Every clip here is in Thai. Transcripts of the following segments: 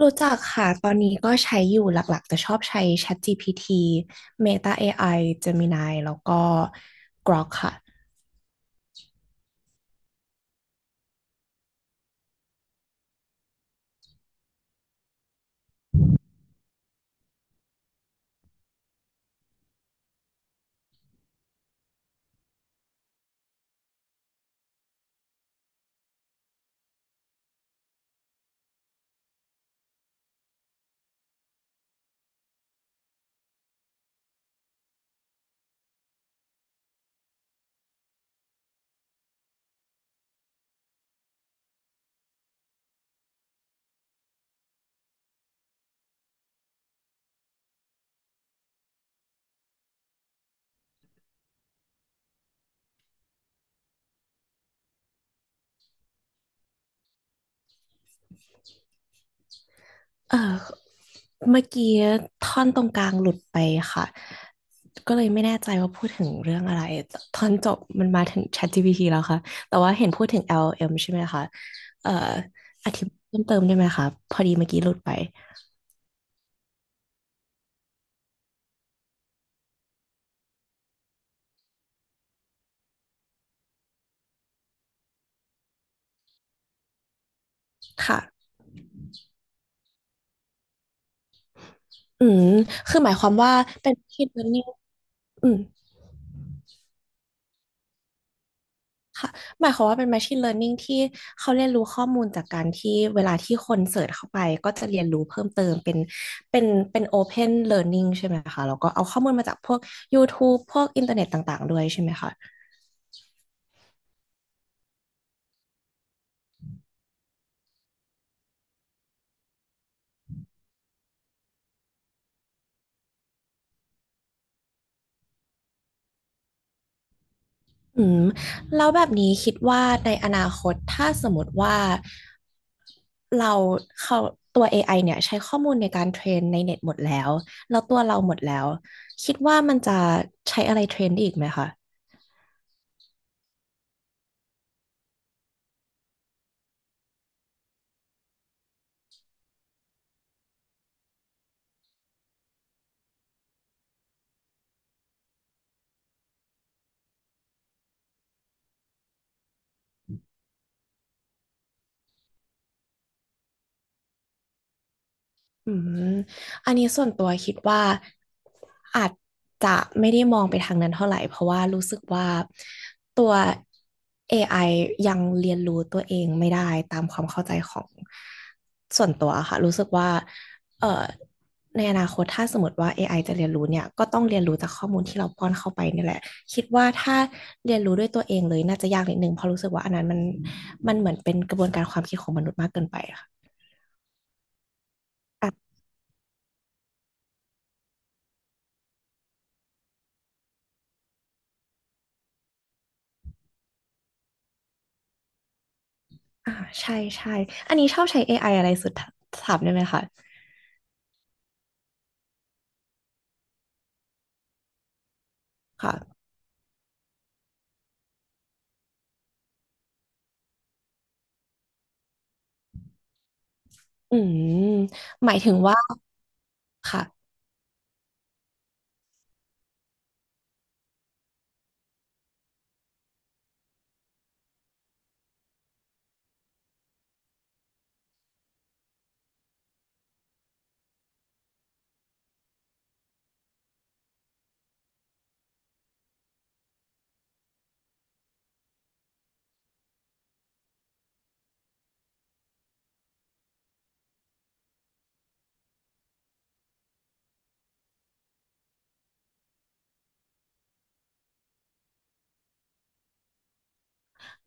รู้จักค่ะตอนนี้ก็ใช้อยู่หลักๆจะชอบใช้ ChatGPT Meta AI Gemini แล้วก็ Grok ค่ะเออเมื่อกี้ท่อนตรงกลางหลุดไปค่ะก็เลยไม่แน่ใจว่าพูดถึงเรื่องอะไรท่อนจบมันมาถึง ChatGPT แล้วค่ะแต่ว่าเห็นพูดถึง LLM ใช่ไหมคะเอ่ออธิบายเพิ่มเติมได้ไหมคะพอดีเมื่อกี้หลุดไปค่ะอืมคือหมายความว่าเป็น machine learning อืม ค่ะหมายความว่าเป็น Machine Learning ที่เขาเรียนรู้ข้อมูลจากการที่เวลาที่คนเสิร์ชเข้าไปก็จะเรียนรู้เพิ่มเติมเป็นเป็นเป็น Open Learning ใช่ไหมคะแล้วก็เอาข้อมูลมาจากพวก YouTube พวกอินเทอร์เน็ตต่างๆด้วยใช่ไหมคะอืมแล้วแบบนี้คิดว่าในอนาคตถ้าสมมติว่าเราเขาตัว AI เนี่ยใช้ข้อมูลในการเทรนในเน็ตหมดแล้วแล้วตัวเราหมดแล้วคิดว่ามันจะใช้อะไรเทรนได้อีกไหมคะ อืมอันนี้ส่วนตัวคิดว่าอาจจะไม่ได้มองไปทางนั้นเท่าไหร่เพราะว่ารู้สึกว่าตัว AI ยังเรียนรู้ตัวเองไม่ได้ตามความเข้าใจของส่วนตัวค่ะรู้สึกว่าเอ่อในอนาคตถ้าสมมติว่า AI จะเรียนรู้เนี่ยก็ต้องเรียนรู้จากข้อมูลที่เราป้อนเข้าไปนี่แหละคิดว่าถ้าเรียนรู้ด้วยตัวเองเลยน่าจะยากนิดนึงเพราะรู้สึกว่าอันนั้นมันเหมือนเป็นกระบวนการความคิดของมนุษย์มากเกินไปค่ะอ่ะ อ่าใช่ใช่ อันนี้ชอบใช้ AI อไออะไรสุดถามได้ไหมคะค่ะอืมหมายถึงว่าค่ะ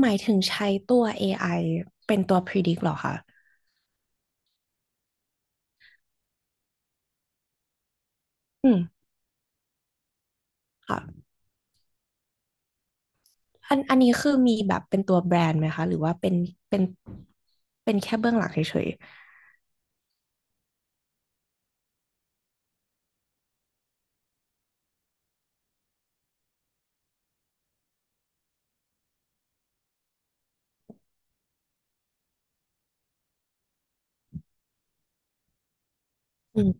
หมายถึงใช้ตัว AI เป็นตัว predict เหรอคะอืมค่ะอันนี้คือมีแบบเป็นตัวแบรนด์ไหมคะหรือว่าเป็นเป็นเป็นแค่เบื้องหลังเฉยๆอืม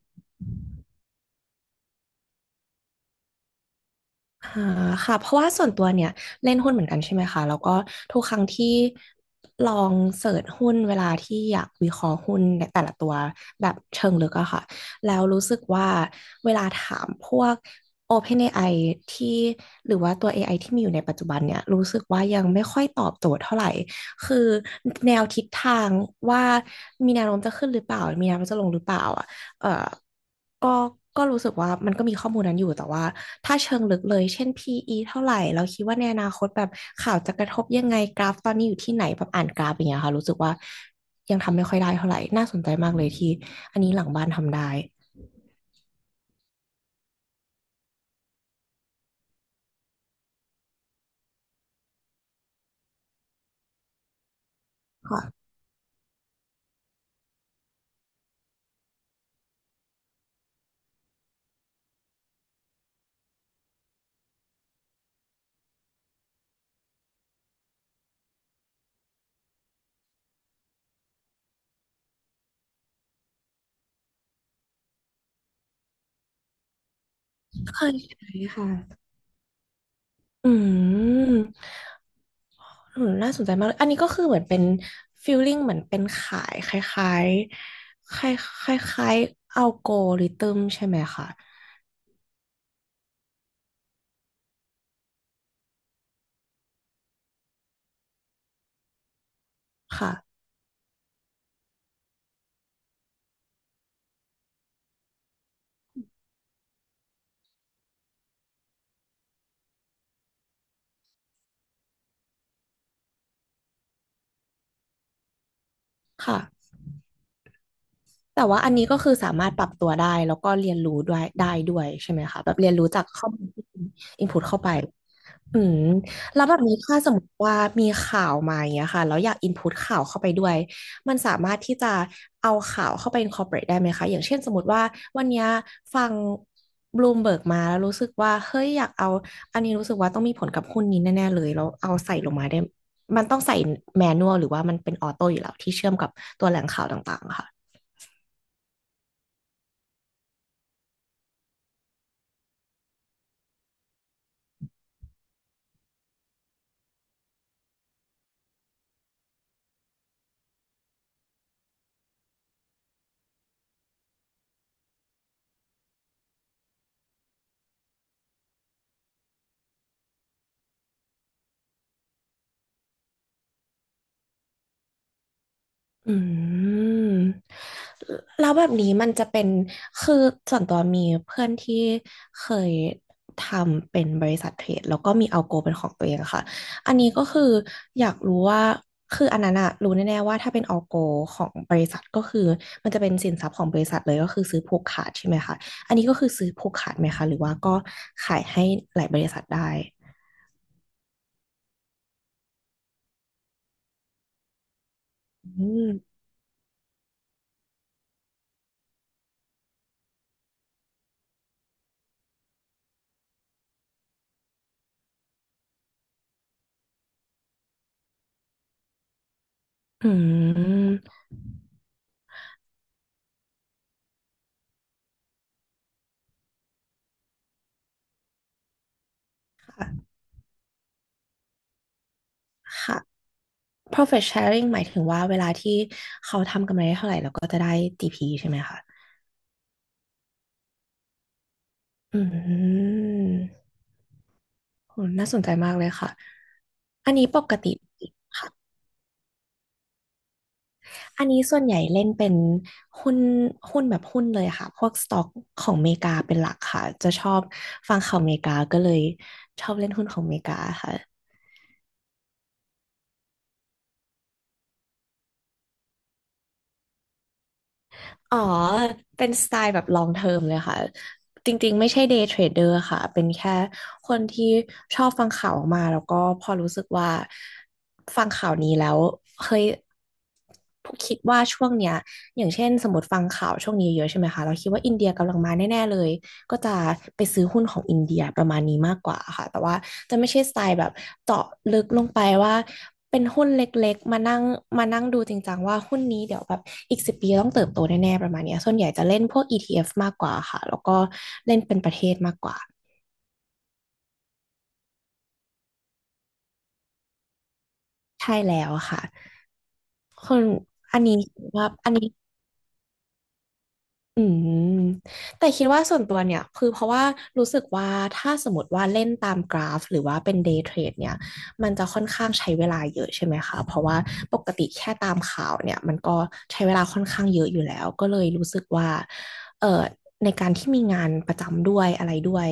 อ่าค่ะเพราะว่าส่วนตัวเนี่ยเล่นหุ้นเหมือนกันใช่ไหมคะแล้วก็ทุกครั้งที่ลองเสิร์ชหุ้นเวลาที่อยากวิเคราะห์หุ้นในแต่ละตัวแบบเชิงลึกอะค่ะแล้วรู้สึกว่าเวลาถามพวก OpenAI ที่หรือว่าตัว AI ที่มีอยู่ในปัจจุบันเนี่ยรู้สึกว่ายังไม่ค่อยตอบโจทย์เท่าไหร่คือแนวทิศทางว่ามีแนวโน้มจะขึ้นหรือเปล่ามีแนวโน้มจะลงหรือเปล่าอะเอ่อก็ก็รู้สึกว่ามันก็มีข้อมูลนั้นอยู่แต่ว่า ถ้าเชิงลึกเลยเช่น PE เท่าไหร่เราคิดว่าในอนาคตแบบข่าวจะกระทบยังไงกราฟตอนนี้อยู่ที่ไหนแบบอ่านกราฟอย่างเงี้ยค่ะรู้สึกว่ายังทำไม่ค่อยได้เท่าไหร่น่าสนใจมากเลยที่อันนี้หลังบ้านทำได้ค่ะเคยใช้ค่ะอืมอืมน่าสนใจมากเลยอันนี้ก็คือเหมือนเป็นฟีลลิ่งเหมือนเป็นขายคล้ายๆคล้ายคล้ายๆอัลกอริทึมใช่ไหมคะค่ะค่ะ แต่ว่าอันนี้ก็คือสามารถปรับตัวได้แล้วก็เรียนรู้ด้วยได้ด้วยใช่ไหมคะแบบเรียนรู้จากข้อมูลที่อินพุตเข้าไปอืมแล้วแบบนี้ถ้าสมมติว่ามีข่าวมาอย่างเงี้ยค่ะแล้วอยากอินพุตข่าวเข้าไปด้วยมันสามารถที่จะเอาข่าวเข้าไป incorporate ได้ไหมคะอย่างเช่นสมมติว่าวันเนี้ยฟังบลูมเบิร์กมาแล้วรู้สึกว่าเฮ้ยอยากเอาอันนี้รู้สึกว่าต้องมีผลกับหุ้นนี้แน่ๆเลยแล้วเอาใส่ลงมาได้มันต้องใส่แมนนวลหรือว่ามันเป็นออโต้อยู่แล้วที่เชื่อมกับตัวแหล่งข่าวต่างๆอะค่ะ อืมแล้วแบบนี้มันจะเป็นคือส่วนตัวมีเพื่อนที่เคยทำเป็นบริษัทเทรดแล้วก็มีเอาโกเป็นของตัวเองอะค่ะอันนี้ก็คืออยากรู้ว่าคืออันนั้นอะรู้แน่ๆว่าถ้าเป็นเอาโกของบริษัทก็คือมันจะเป็นสินทรัพย์ของบริษัทเลยก็คือซื้อผูกขาดใช่ไหมคะอันนี้ก็คือซื้อผูกขาดไหมคะหรือว่าก็ขายให้หลายบริษัทได้อืมอืมค่ะค่ะ profit sharing หมายถึงว่าเวลาที่เขาทำกำไรได้เท่าไหร่เราก็จะได้จีพ p ใช่ไหมคะ อืมโหน่าสนใจมากเลยค่ะ อันนี้ปกติค่ะ อันนี้ส่วนใหญ่เล่นเป็นหุ้น หุ้นแบบหุ้นเลยค่ะ พวกสต็อกของเมริกาเป็นหลักค่ะ จะชอบฟังข่าวเมริกาก็เลยชอบเล่นหุ้นของเมริกาค่ะ อ๋อ เป็นสไตล์แบบ long term เลยค่ะจริงๆไม่ใช่ day trader ค่ะเป็นแค่ คนที่ชอบฟังข่าวออกมาแล้วก็พอรู้สึกว่าฟังข่าวนี้แล้วเฮ้ยคิดว่าช่วงเนี้ยอย่างเช่นสมมติฟังข่าวช่วงนี้เยอะใช่ไหมคะเราคิดว่าอินเดียกำลังมาแน่ๆเลยก็จะไปซื้อหุ้นของอินเดียประมาณนี้มากกว่าค่ะแต่ว่าจะไม่ใช่สไตล์แบบเจาะลึกลงไปว่าเป็นหุ้นเล็กๆมานั่งดูจริงจังว่าหุ้นนี้เดี๋ยวแบบอีก10 ปีต้องเติบโตแน่ๆประมาณเนี้ยส่วนใหญ่จะเล่นพวก ETF มากกว่าค่ะแล้วก็เล่นเป็นประเทศมากกว่าใช่แล้วค่ะ อันนี้อันนี้ อืมแต่คิดว่าส่วนตัวเนี่ยคือเพราะว่ารู้สึกว่าถ้าสมมติว่าเล่นตามกราฟหรือว่าเป็นเดย์เทรดเนี่ยมันจะค่อนข้างใช้เวลาเยอะใช่ไหมคะเพราะว่าปกติแค่ตามข่าวเนี่ยมันก็ใช้เวลาค่อนข้างเยอะอยู่แล้วก็เลยรู้สึกว่าเอ่อในการที่มีงานประจำด้วยอะไรด้วย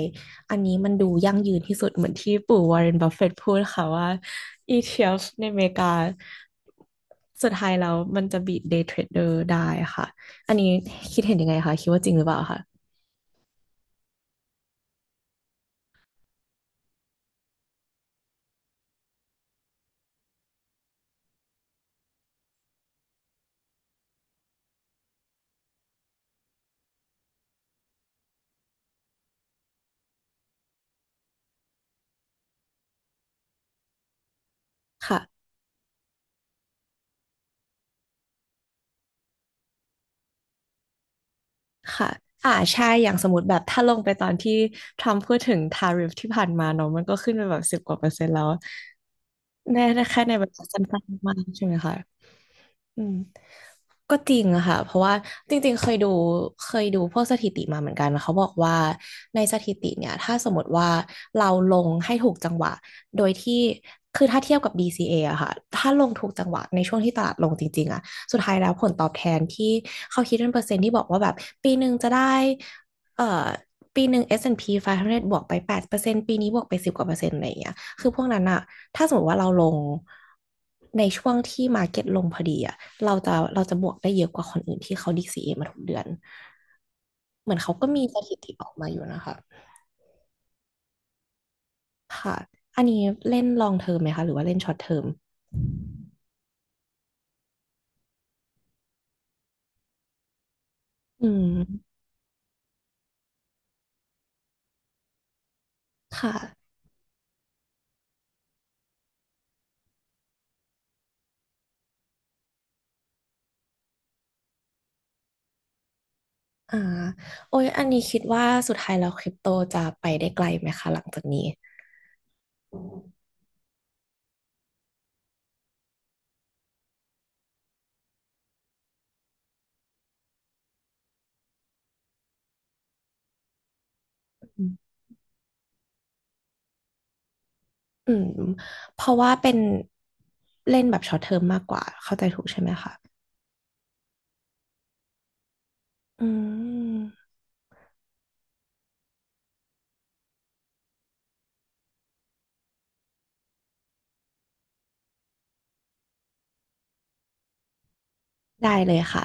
อันนี้มันดูยั่งยืนที่สุดเหมือนที่ปู่วอร์เรนบัฟเฟตต์พูดค่ะว่า ETF ในอเมริกาสุดท้ายแล้วมันจะบีทเดย์เทรดเดอร์ได้ค่ะ อันนี้คิดเห็นยังไงคะคิดว่าจริงหรือเปล่าคะค่ะค่ะอ่าใช่อย่างสมมติแบบถ้าลงไปตอนที่ทรัมป์พูดถึงทาริฟที่ผ่านมาเนาะมันก็ขึ้นไปแบบสิบกว่าเปอร์เซ็นต์แล้วแน่แค่ในเวลาสั้นๆมากใช่ไหมคะ อืมก็จริงอะค่ะเพราะว่าจริงๆเคยดูพวกสถิติมาเหมือนกันเขาบอกว่าในสถิติเนี่ยถ้าสมมติว่าเราลงให้ถูกจังหวะโดยที่คือถ้าเทียบกับ b c a ออะค่ะถ้าลงถูกจังหวะในช่วงที่ตลาดลงจริงๆอะสุดท้ายแล้วผลตอบแทนที่เขาคิดเป็นเปอร์เซ็นต์ที่บอกว่าแบบปีหนึ่งจะได้เอ่อปีหนึ่ง S&P 500บวกไป8%ปดเปอร์เซ็นต์ปีนี้บวกไปสิบกว่าเปอร์เซ็นต์อะไรอย่างเงี้ย คือพวกนั้นอะถ้าสมมติว่าเราลงในช่วงที่มาร์เก็ตลงพอดีอะเราจะบวกได้เยอะกว่าคนอื่นที่เขา d เ a มาทุกเดือน เหมือนเขาก็มีสถิติออกมาอยู่นะคะ ค่ะ อันนี้เล่นลองเทอมไหมคะ หรือว่าเล่นช็อตเทอมอืมค่ะอ่าโอ้ยอันนี้คิดว่าสุดท้ายแล้วคริปโตจะไปได้ไกลไหมคะหลังจากนี้อืมอืมเพราะว่าเป็นเล่นแบบช็อตเทอมมากกว่าเข้าใจถูกใช่ไหมคะอืมได้เลยค่ะ